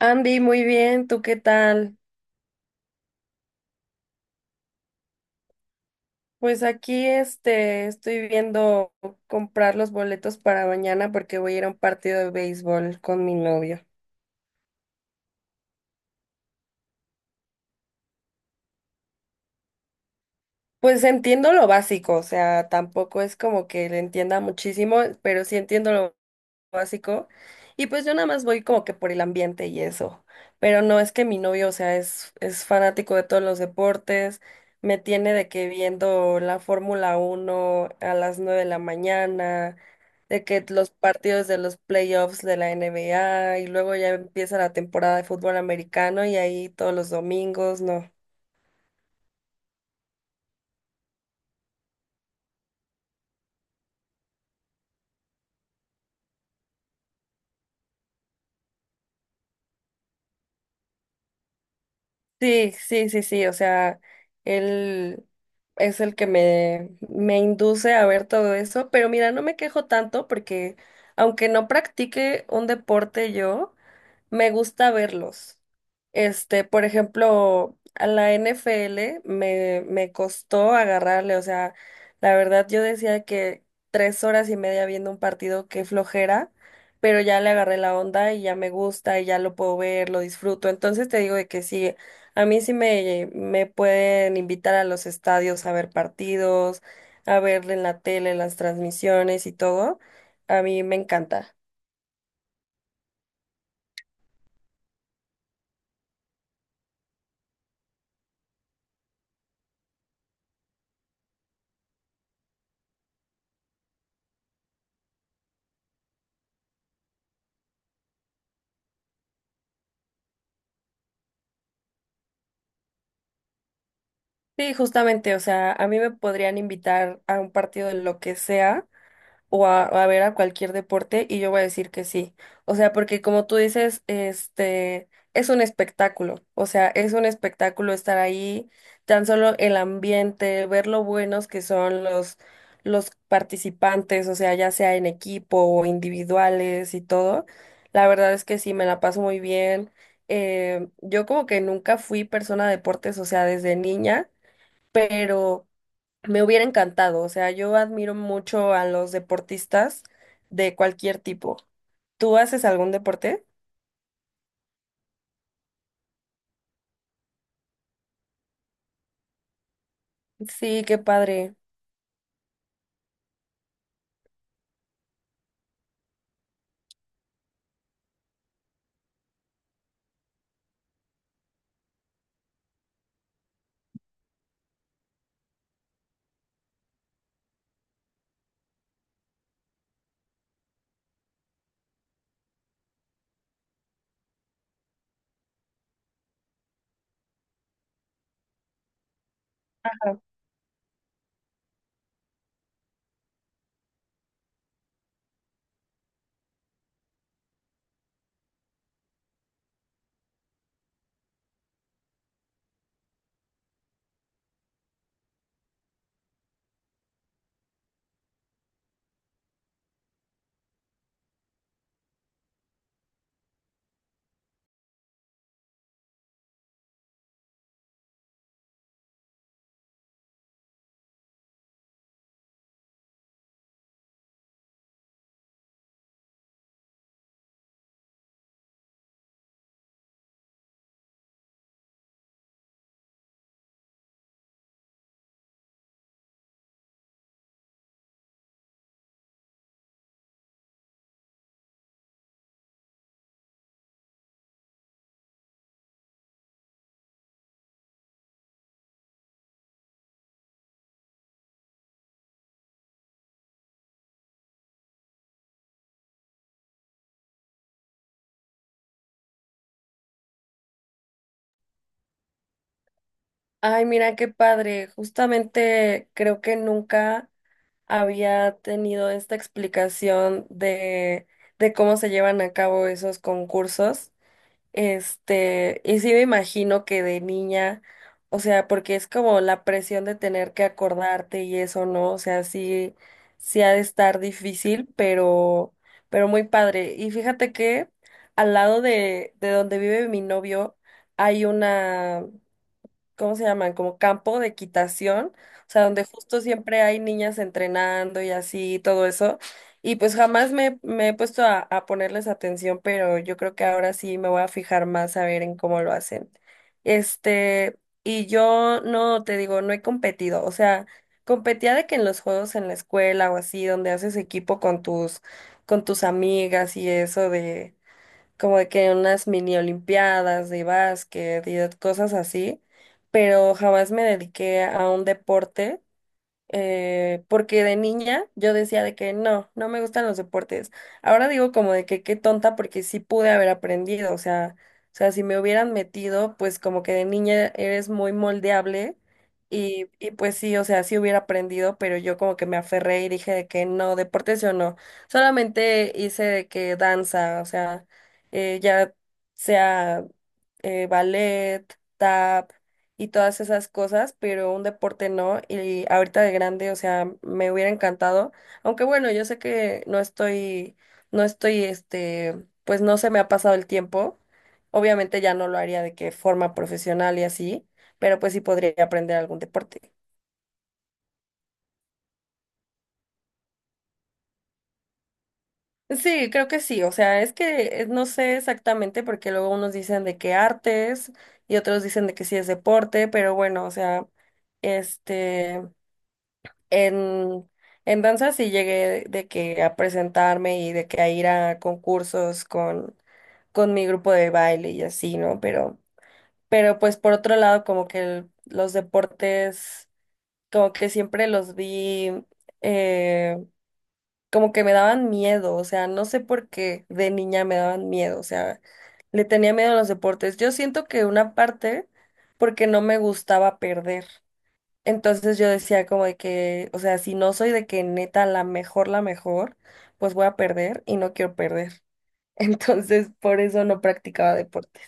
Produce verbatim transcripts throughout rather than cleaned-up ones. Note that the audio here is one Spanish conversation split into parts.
Andy, muy bien, ¿tú qué tal? Pues aquí este estoy viendo comprar los boletos para mañana porque voy a ir a un partido de béisbol con mi novio. Pues entiendo lo básico, o sea, tampoco es como que le entienda muchísimo, pero sí entiendo lo básico. Y pues yo nada más voy como que por el ambiente y eso. Pero no es que mi novio, o sea, es, es fanático de todos los deportes. Me tiene de que viendo la Fórmula uno a las nueve de la mañana, de que los partidos de los playoffs de la N B A y luego ya empieza la temporada de fútbol americano y ahí todos los domingos, no. Sí, sí, sí, sí, o sea, él es el que me, me induce a ver todo eso, pero mira, no me quejo tanto porque aunque no practique un deporte yo, me gusta verlos. Este, por ejemplo, a la N F L me, me costó agarrarle, o sea, la verdad yo decía que tres horas y media viendo un partido, qué flojera, pero ya le agarré la onda y ya me gusta y ya lo puedo ver, lo disfruto. Entonces te digo de que sí, a mí sí me, me pueden invitar a los estadios a ver partidos, a ver en la tele las transmisiones y todo. A mí me encanta. Sí, justamente, o sea, a mí me podrían invitar a un partido de lo que sea o a, a ver a cualquier deporte y yo voy a decir que sí. O sea, porque como tú dices, este es un espectáculo, o sea, es un espectáculo estar ahí, tan solo el ambiente, ver lo buenos que son los los participantes, o sea, ya sea en equipo o individuales y todo. La verdad es que sí, me la paso muy bien. Eh, yo como que nunca fui persona de deportes, o sea, desde niña pero me hubiera encantado. O sea, yo admiro mucho a los deportistas de cualquier tipo. ¿Tú haces algún deporte? Sí, qué padre. Claro. Ay, mira, qué padre. Justamente creo que nunca había tenido esta explicación de, de cómo se llevan a cabo esos concursos. Este, y sí me imagino que de niña, o sea, porque es como la presión de tener que acordarte y eso, ¿no? O sea, sí, sí ha de estar difícil, pero, pero muy padre. Y fíjate que al lado de, de donde vive mi novio hay una, ¿cómo se llaman? Como campo de equitación, o sea, donde justo siempre hay niñas entrenando y así, todo eso. Y pues jamás me, me he puesto a, a ponerles atención, pero yo creo que ahora sí me voy a fijar más a ver en cómo lo hacen. Este, y yo no, te digo, no he competido, o sea, competía de que en los juegos en la escuela o así, donde haces equipo con tus, con tus amigas y eso como de que unas mini olimpiadas de básquet y de cosas así, pero jamás me dediqué a un deporte, eh, porque de niña yo decía de que no, no me gustan los deportes. Ahora digo como de que qué tonta porque sí pude haber aprendido, o sea, o sea, si me hubieran metido, pues como que de niña eres muy moldeable y, y pues sí, o sea, sí hubiera aprendido, pero yo como que me aferré y dije de que no, deportes yo no. Solamente hice de que danza, o sea, eh, ya sea eh, ballet, tap y todas esas cosas, pero un deporte no. Y ahorita de grande, o sea, me hubiera encantado. Aunque bueno, yo sé que no estoy, no estoy, este, pues no se me ha pasado el tiempo. Obviamente ya no lo haría de que forma profesional y así, pero pues sí podría aprender algún deporte. Sí, creo que sí. O sea, es que eh, no sé exactamente porque luego unos dicen de que artes y otros dicen de que sí es deporte, pero bueno, o sea, este. En, en danza sí llegué de que a presentarme y de que a ir a concursos con, con mi grupo de baile y así, ¿no? Pero, pero pues por otro lado, como que el- los deportes, como que siempre los vi, eh, como que me daban miedo, o sea, no sé por qué de niña me daban miedo, o sea, le tenía miedo a los deportes. Yo siento que una parte porque no me gustaba perder. Entonces yo decía como de que, o sea, si no soy de que neta la mejor, la mejor, pues voy a perder y no quiero perder. Entonces por eso no practicaba deporte.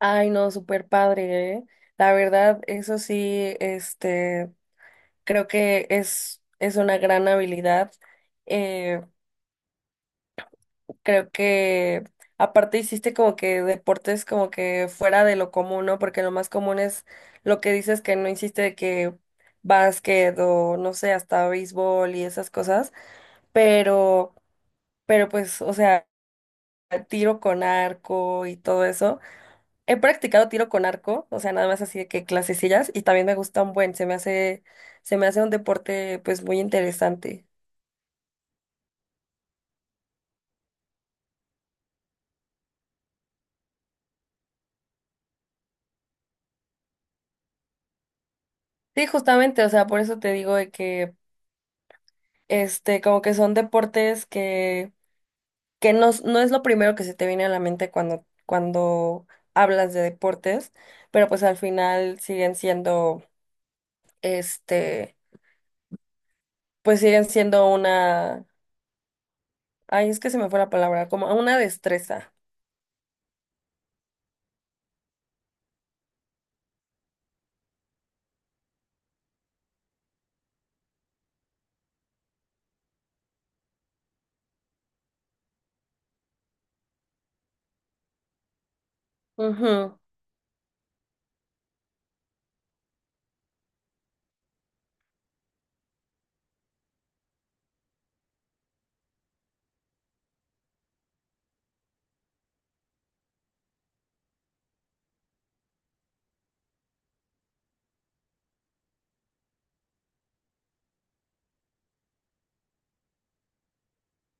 Ay, no, súper padre, ¿eh? La verdad, eso sí, este, creo que es, es una gran habilidad. eh, Creo que aparte hiciste como que deportes como que fuera de lo común, ¿no? Porque lo más común es lo que dices que no hiciste de que básquet o no sé, hasta béisbol y esas cosas, pero, pero pues, o sea, tiro con arco y todo eso. He practicado tiro con arco, o sea, nada más así de que clasecillas y también me gusta un buen, se me hace, se me hace un deporte pues muy interesante. Sí, justamente, o sea, por eso te digo de que este, como que son deportes que que no, es- no es lo primero que se te viene a la mente cuando, cuando hablas de deportes, pero pues al final siguen siendo, este, pues siguen siendo una, ay, es que se me fue la palabra, como una destreza. Ujú,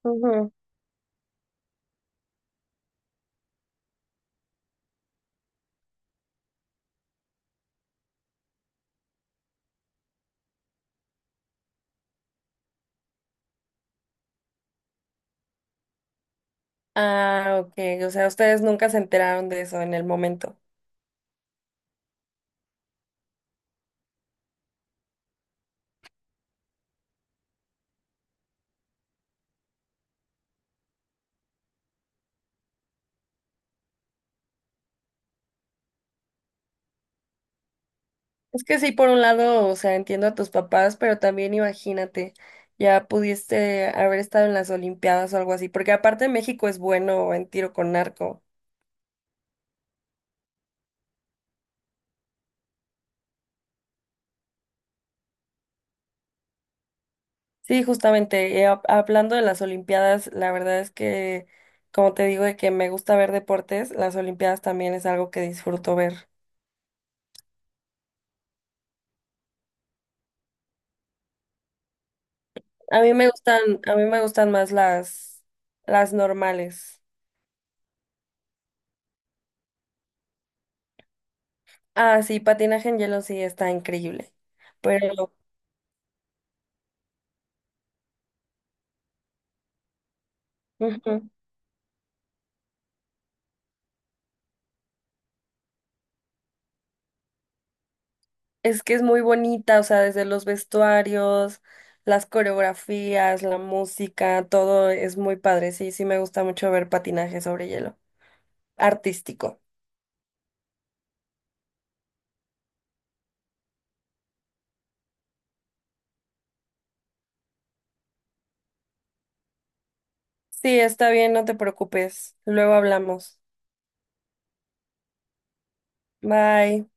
ujú. Ah, ok, o sea, ustedes nunca se enteraron de eso en el momento. Es que sí, por un lado, o sea, entiendo a tus papás, pero también imagínate, ya pudiste haber estado en las Olimpiadas o algo así, porque aparte México es bueno en tiro con arco. Sí, justamente, eh, hab- hablando de las Olimpiadas, la verdad es que, como te digo, de que me gusta ver deportes, las Olimpiadas también es algo que disfruto ver. A mí me gustan, a mí me gustan más las, las normales. Ah, sí, patinaje en hielo sí está increíble, pero ujú, es que es muy bonita, o sea, desde los vestuarios, las coreografías, la música, todo es muy padre. Sí, sí me gusta mucho ver patinaje sobre hielo, artístico. Sí, está bien, no te preocupes. Luego hablamos. Bye.